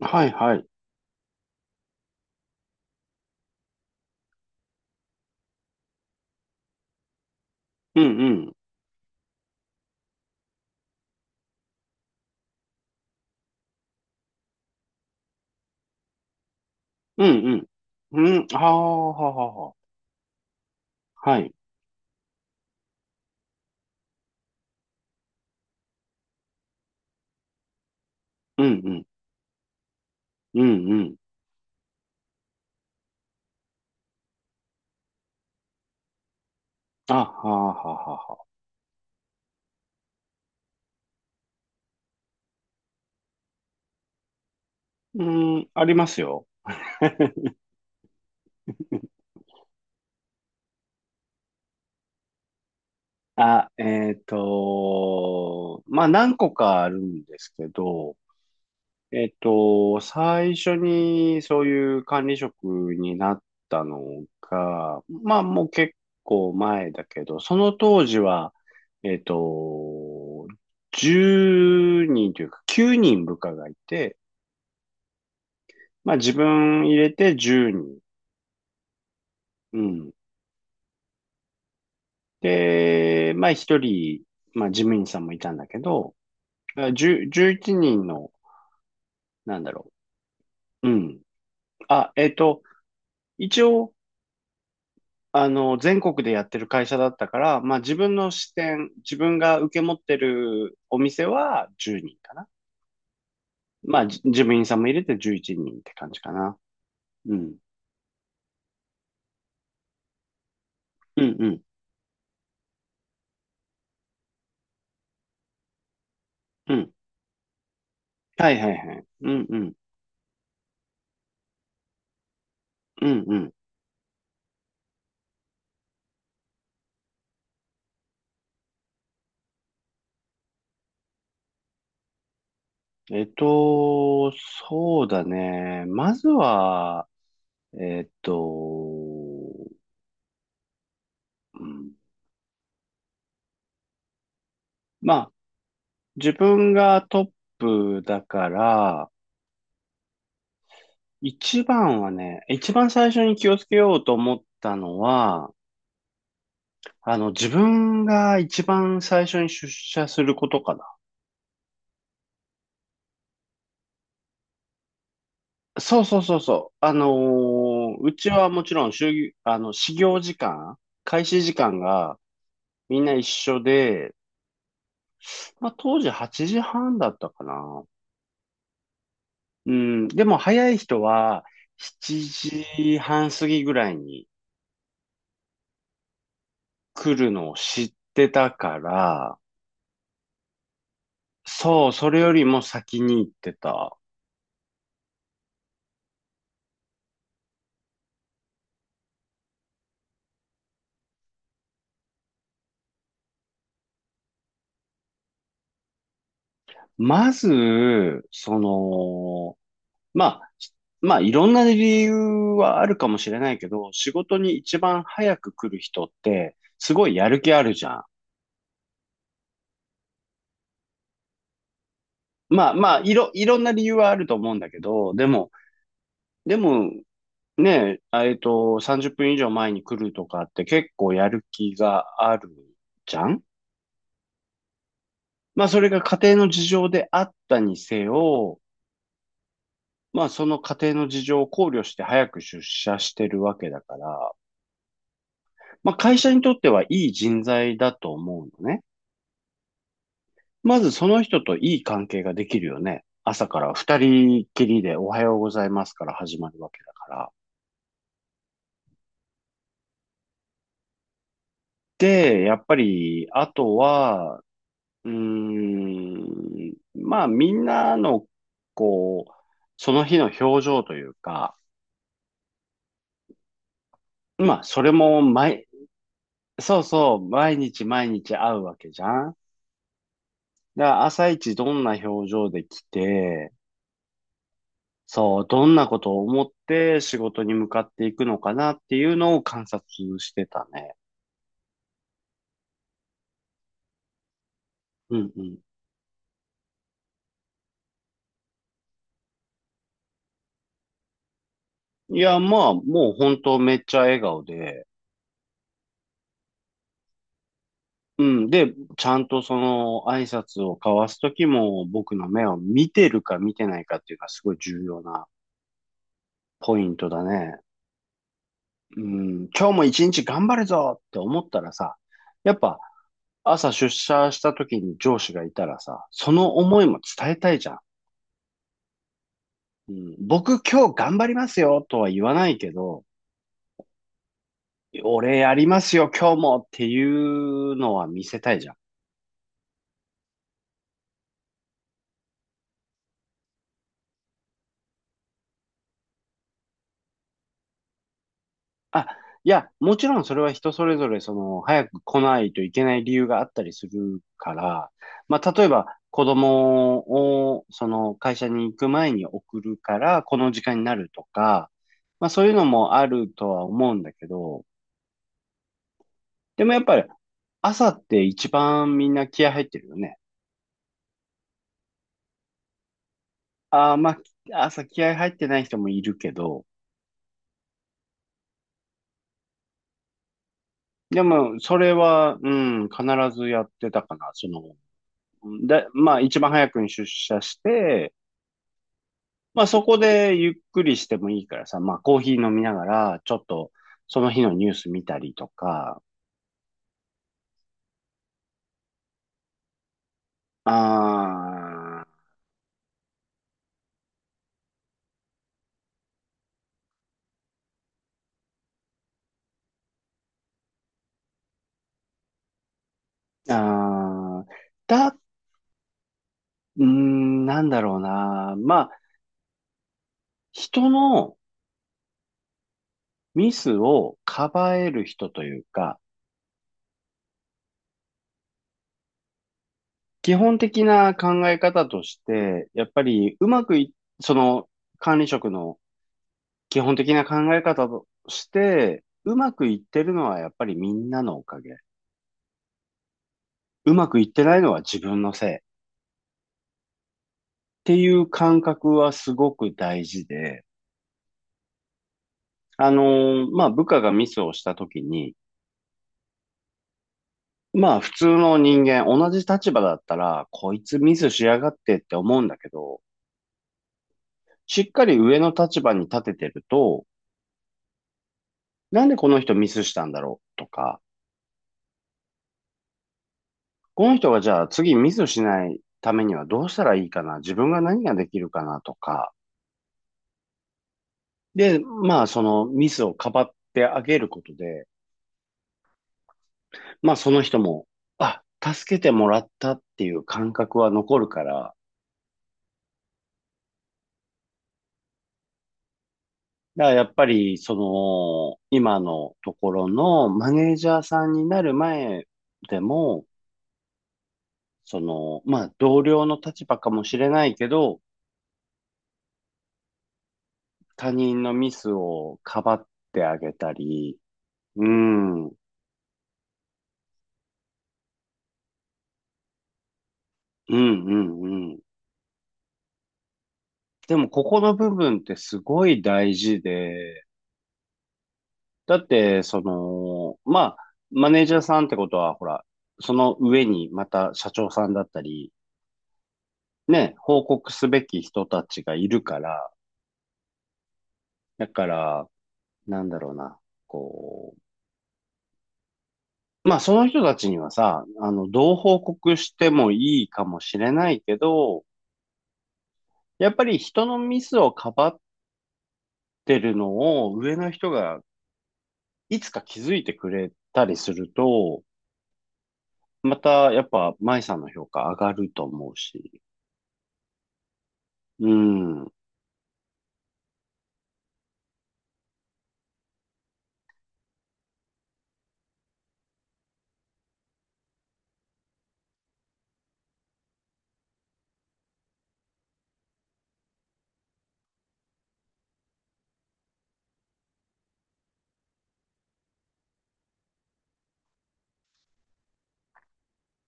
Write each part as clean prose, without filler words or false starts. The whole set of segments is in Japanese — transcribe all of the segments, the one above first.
はいはい。うんうん。うんうん。うん。はあ、はあ、はあ。はい。うんうん。うんうん。あ、はあ、はあ、はあ。はあうん、ありますよ。あ、まあ、何個かあるんですけど、最初にそういう管理職になったのが、まあ、もう結構前だけど、その当時は、えっと、10人というか9人部下がいて、まあ自分入れて10人。うん。で、まあ一人、まあ事務員さんもいたんだけど、10、11人の、なんだろう。うん。あ、一応、全国でやってる会社だったから、まあ自分の支店、自分が受け持ってるお店は10人かな。まあじ事務員さんも入れて11人って感じかな。うん。うんうん。うん。はいはいはい。うんうん。うんうん。えっと、そうだね。まずは、えっと、うんまあ、自分がトップだから、一番はね、一番最初に気をつけようと思ったのは、自分が一番最初に出社することかな。そうそうそうそう。うちはもちろん、就業あの、始業時間、開始時間がみんな一緒で、まあ、当時8時半だったかな。うん、でも早い人は7時半過ぎぐらいに来るのを知ってたから、そう、それよりも先に行ってた。まず、まあ、まあ、いろんな理由はあるかもしれないけど、仕事に一番早く来る人ってすごいやる気あるじゃん。まあまあ、いろんな理由はあると思うんだけど、でも、でもねえ、30分以上前に来るとかって結構やる気があるじゃん。まあ、それが家庭の事情であったにせよ、まあ、その家庭の事情を考慮して早く出社してるわけだから、まあ、会社にとってはいい人材だと思うのね。まずその人といい関係ができるよね。朝から二人きりでおはようございますから始まるわけだから。で、やっぱり、あとは、まあみんなの、こう、その日の表情というか、まあそれも毎、そうそう、毎日毎日会うわけじゃん。だから朝一どんな表情で来て、そう、どんなことを思って仕事に向かっていくのかなっていうのを観察してたね。うんうん。いや、まあもう本当めっちゃ笑顔で、うん。で、ちゃんとその挨拶を交わすときも僕の目を見てるか見てないかっていうのはすごい重要なポイントだね。うん。今日も一日頑張るぞって思ったらさ、やっぱ朝出社したときに上司がいたらさ、その思いも伝えたいじゃん。うん。僕今日頑張りますよとは言わないけど、俺やりますよ今日もっていうのは見せたいじゃん。あ、いや、もちろんそれは人それぞれ、その、早く来ないといけない理由があったりするから、まあ、例えば、子供を、その、会社に行く前に送るから、この時間になるとか、まあ、そういうのもあるとは思うんだけど、でもやっぱり、朝って一番みんな気合入ってるよね。ああ、まあ、朝気合入ってない人もいるけど、でも、それは、必ずやってたかな。で、まあ、一番早くに出社して、まあそこでゆっくりしてもいいからさ、まあコーヒー飲みながら、ちょっとその日のニュース見たりとか、あー、あー、だ、うーん、なんだろうな。まあ人のミスをかばえる人というか、基本的な考え方として、やっぱりうまくい、その管理職の基本的な考え方として、うまくいってるのはやっぱりみんなのおかげ。うまくいってないのは自分のせい。ていう感覚はすごく大事で、まあ、部下がミスをしたときに、まあ、普通の人間、同じ立場だったら、こいつミスしやがってって思うんだけど、しっかり上の立場に立ててると、なんでこの人ミスしたんだろうとか、この人がじゃあ次ミスしないためにはどうしたらいいかな、自分が何ができるかなとか、で、まあ、そのミスをかばってあげることで、まあその人も、あ、助けてもらったっていう感覚は残るから、だからやっぱりその、今のところのマネージャーさんになる前でも、その、まあ同僚の立場かもしれないけど、他人のミスをかばってあげたり、うん、うん、うん、うん。でもここの部分ってすごい大事で、だって、その、まあ、マネージャーさんってことは、ほら、その上にまた社長さんだったり、ね、報告すべき人たちがいるから、だから、なんだろうな、こまあ、その人たちにはさ、どう報告してもいいかもしれないけど、やっぱり人のミスをかばってるのを上の人がいつか気づいてくれたりすると、またやっぱ舞さんの評価上がると思うし。うん。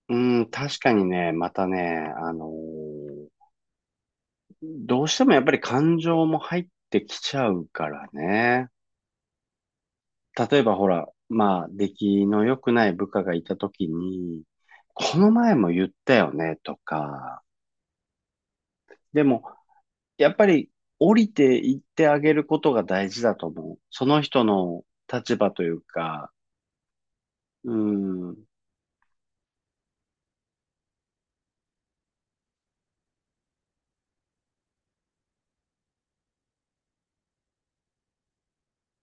うん、確かにね、またね、どうしてもやっぱり感情も入ってきちゃうからね。例えばほら、まあ、出来の良くない部下がいた時に、この前も言ったよね、とか。でも、やっぱり降りていってあげることが大事だと思う。その人の立場というか、うん。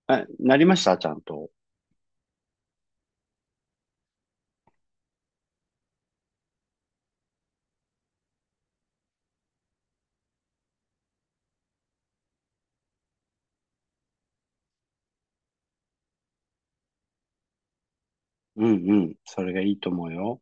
あ、なりましたちゃんと。うんうん。それがいいと思うよ。